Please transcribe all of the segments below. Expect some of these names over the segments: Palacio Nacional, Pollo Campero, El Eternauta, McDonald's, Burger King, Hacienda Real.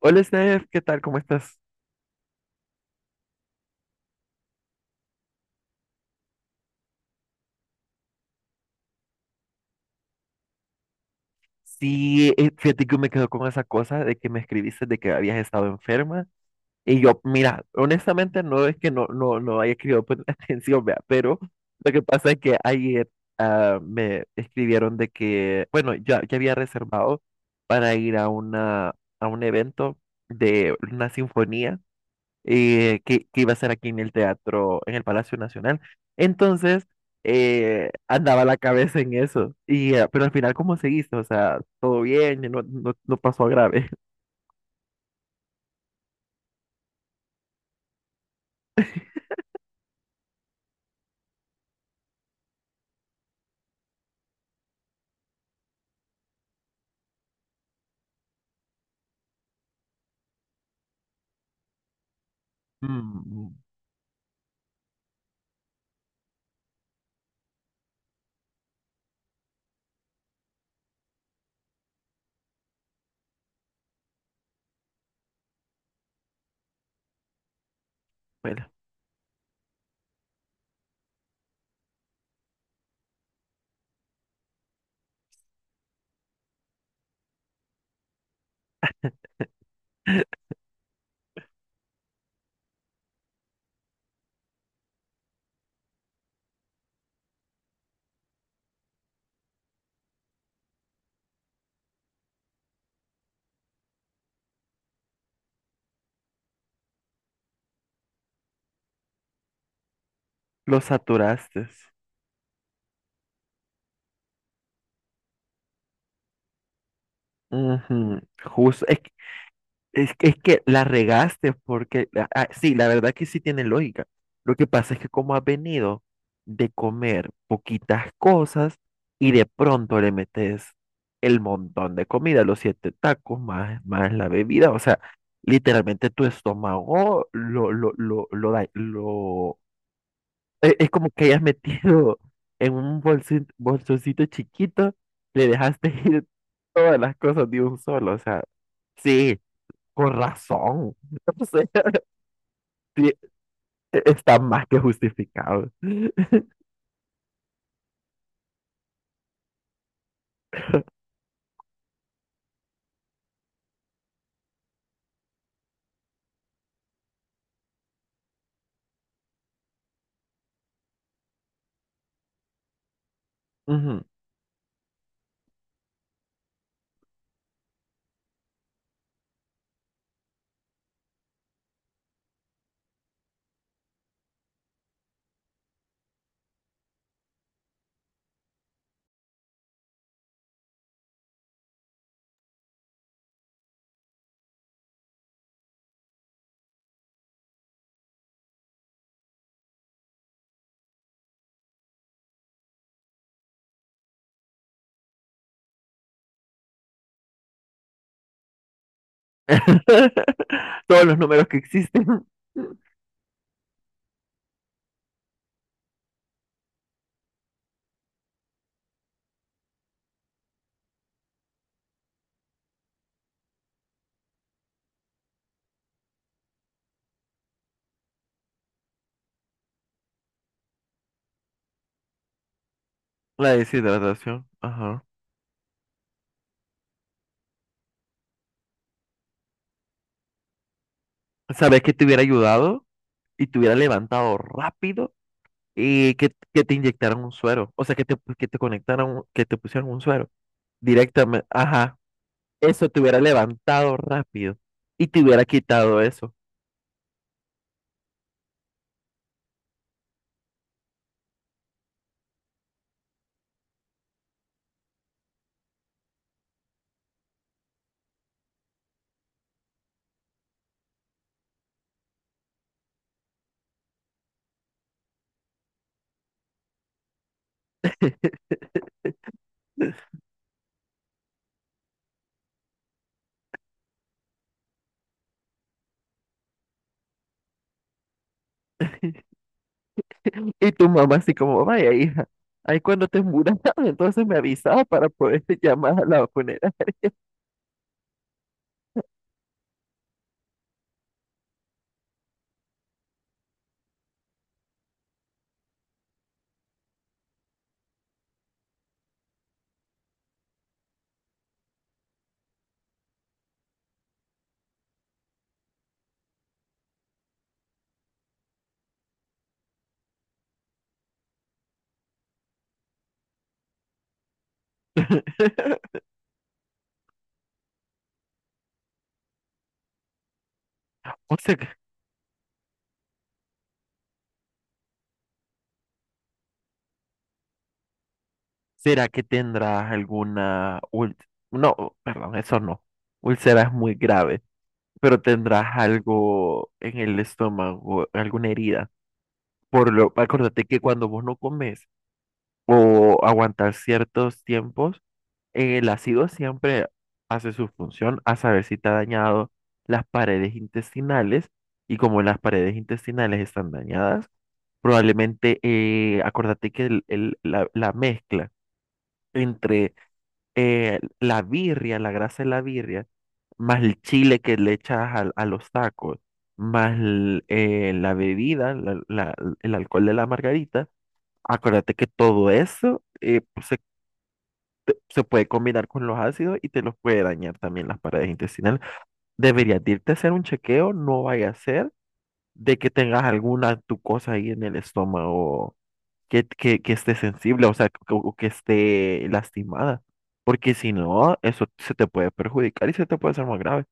Hola, Steph, ¿qué tal? ¿Cómo estás? Sí, fíjate que me quedo con esa cosa de que me escribiste de que habías estado enferma. Y yo, mira, honestamente no es que no haya querido poner atención, vea, pero lo que pasa es que ayer me escribieron de que, bueno, ya había reservado para ir a una, a un evento de una sinfonía, que iba a ser aquí en el teatro, en el Palacio Nacional. Entonces, andaba la cabeza en eso. Y, pero al final, ¿cómo seguiste? O sea, todo bien, no pasó a grave. Mm, bueno, lo saturaste. Ujú. Justo. Es que la regaste porque, sí, la verdad que sí tiene lógica. Lo que pasa es que como has venido de comer poquitas cosas y de pronto le metes el montón de comida, los siete tacos más, más la bebida, o sea, literalmente tu estómago lo, da- lo- e- es como que hayas metido en un bolsito, bolsoncito chiquito, le dejaste ir todas las cosas de un solo, o sea, sí, con razón. No sé, sí, está más que justificado. Ujú. Todos los números que existen. La deshidratación. Ajá. Sabes que te hubiera ayudado y te hubiera levantado rápido y que te inyectaran un suero. O sea, que te conectaran, que te pusieran un suero directamente. Ajá. Eso te hubiera levantado rápido y te hubiera quitado eso. Y tu mamá así como, vaya hija, ahí cuando te muras, entonces me avisaba para poder llamar a la funeraria. O sea, ¿será que tendrás alguna no, perdón, eso no. Úlcera es muy grave, pero tendrás algo en el estómago, alguna herida. Por lo, acuérdate que cuando vos no comes o aguantas ciertos tiempos, el ácido siempre hace su función a saber si te ha dañado las paredes intestinales, y como las paredes intestinales están dañadas, probablemente, acordate que la mezcla entre, la birria, la grasa de la birria, más el chile que le echas a los tacos, más el, la bebida, el alcohol de la margarita, acuérdate que todo eso se puede combinar con los ácidos y te los puede dañar también las paredes intestinales. Deberías de irte a hacer un chequeo, no vaya a ser de que tengas alguna tu cosa ahí en el estómago que esté sensible, o sea, que, o que esté lastimada, porque si no, eso se te puede perjudicar y se te puede hacer más grave.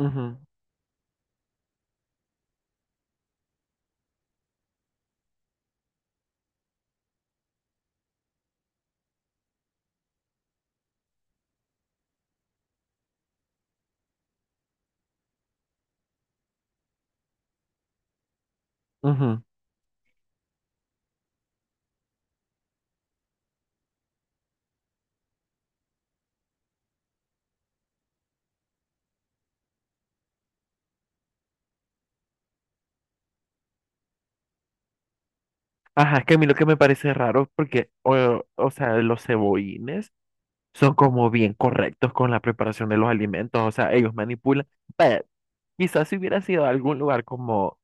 Ujú, ujú. Ajá, es que a mí lo que me parece raro, porque, o sea, los cebollines son como bien correctos con la preparación de los alimentos, o sea, ellos manipulan. Vaya, quizás si hubiera sido a algún lugar como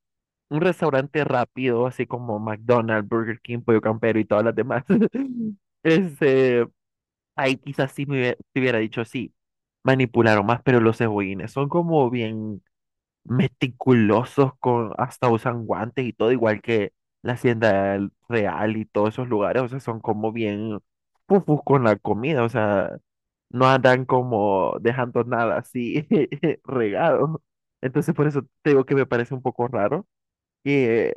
un restaurante rápido, así como McDonald's, Burger King, Pollo Campero y todas las demás, este, ahí quizás sí me te hubiera dicho, sí, manipularon más, pero los cebollines son como bien meticulosos, con, hasta usan guantes y todo, igual que la Hacienda Real y todos esos lugares, o sea, son como bien pufus con la comida, o sea, no andan como dejando nada así regado. Entonces, por eso te digo que me parece un poco raro que,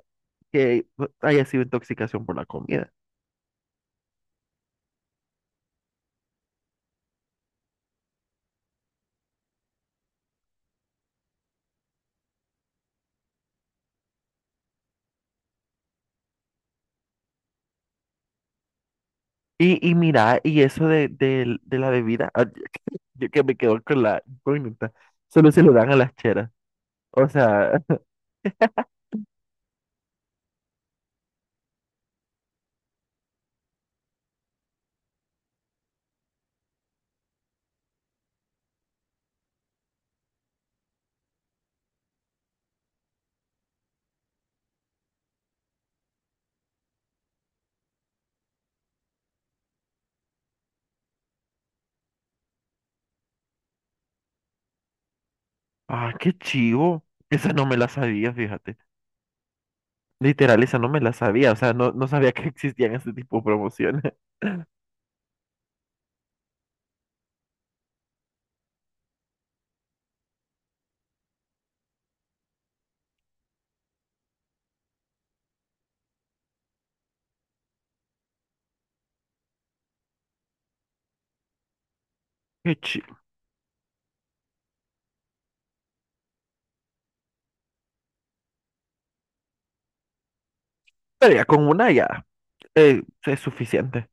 que haya sido intoxicación por la comida. Y mira, y eso de, de la bebida, ah, yo que me quedo con la incógnita, solo se lo dan a las cheras. O sea, ah, qué chivo. Esa no me la sabía, fíjate. Literal, esa no me la sabía. O sea, no, no sabía que existían ese tipo de promociones. Qué chivo. Pero ya con una ya, es suficiente.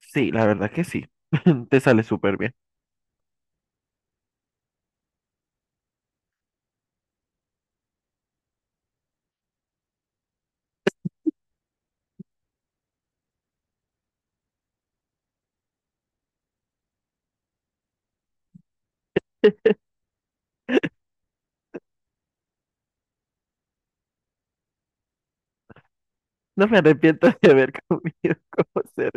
Sí, la verdad que sí. Te sale súper bien. No me arrepiento de haber comido como ser.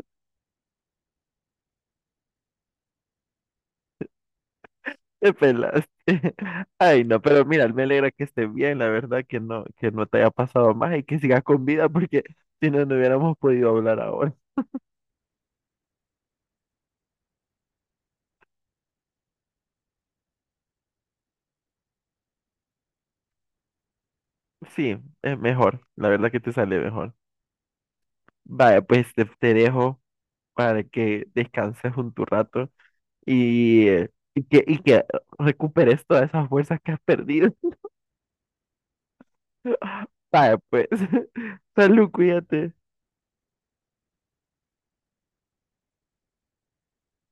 Te pelaste. Ay, no, pero mira, me alegra que estés bien. La verdad que no te haya pasado más y que sigas con vida porque si no, no hubiéramos podido hablar ahora. Sí, es mejor. La verdad que te sale mejor. Vaya, pues te dejo para que descanses un tu rato y que recuperes todas esas fuerzas que has perdido. Vaya, pues. Salud, cuídate.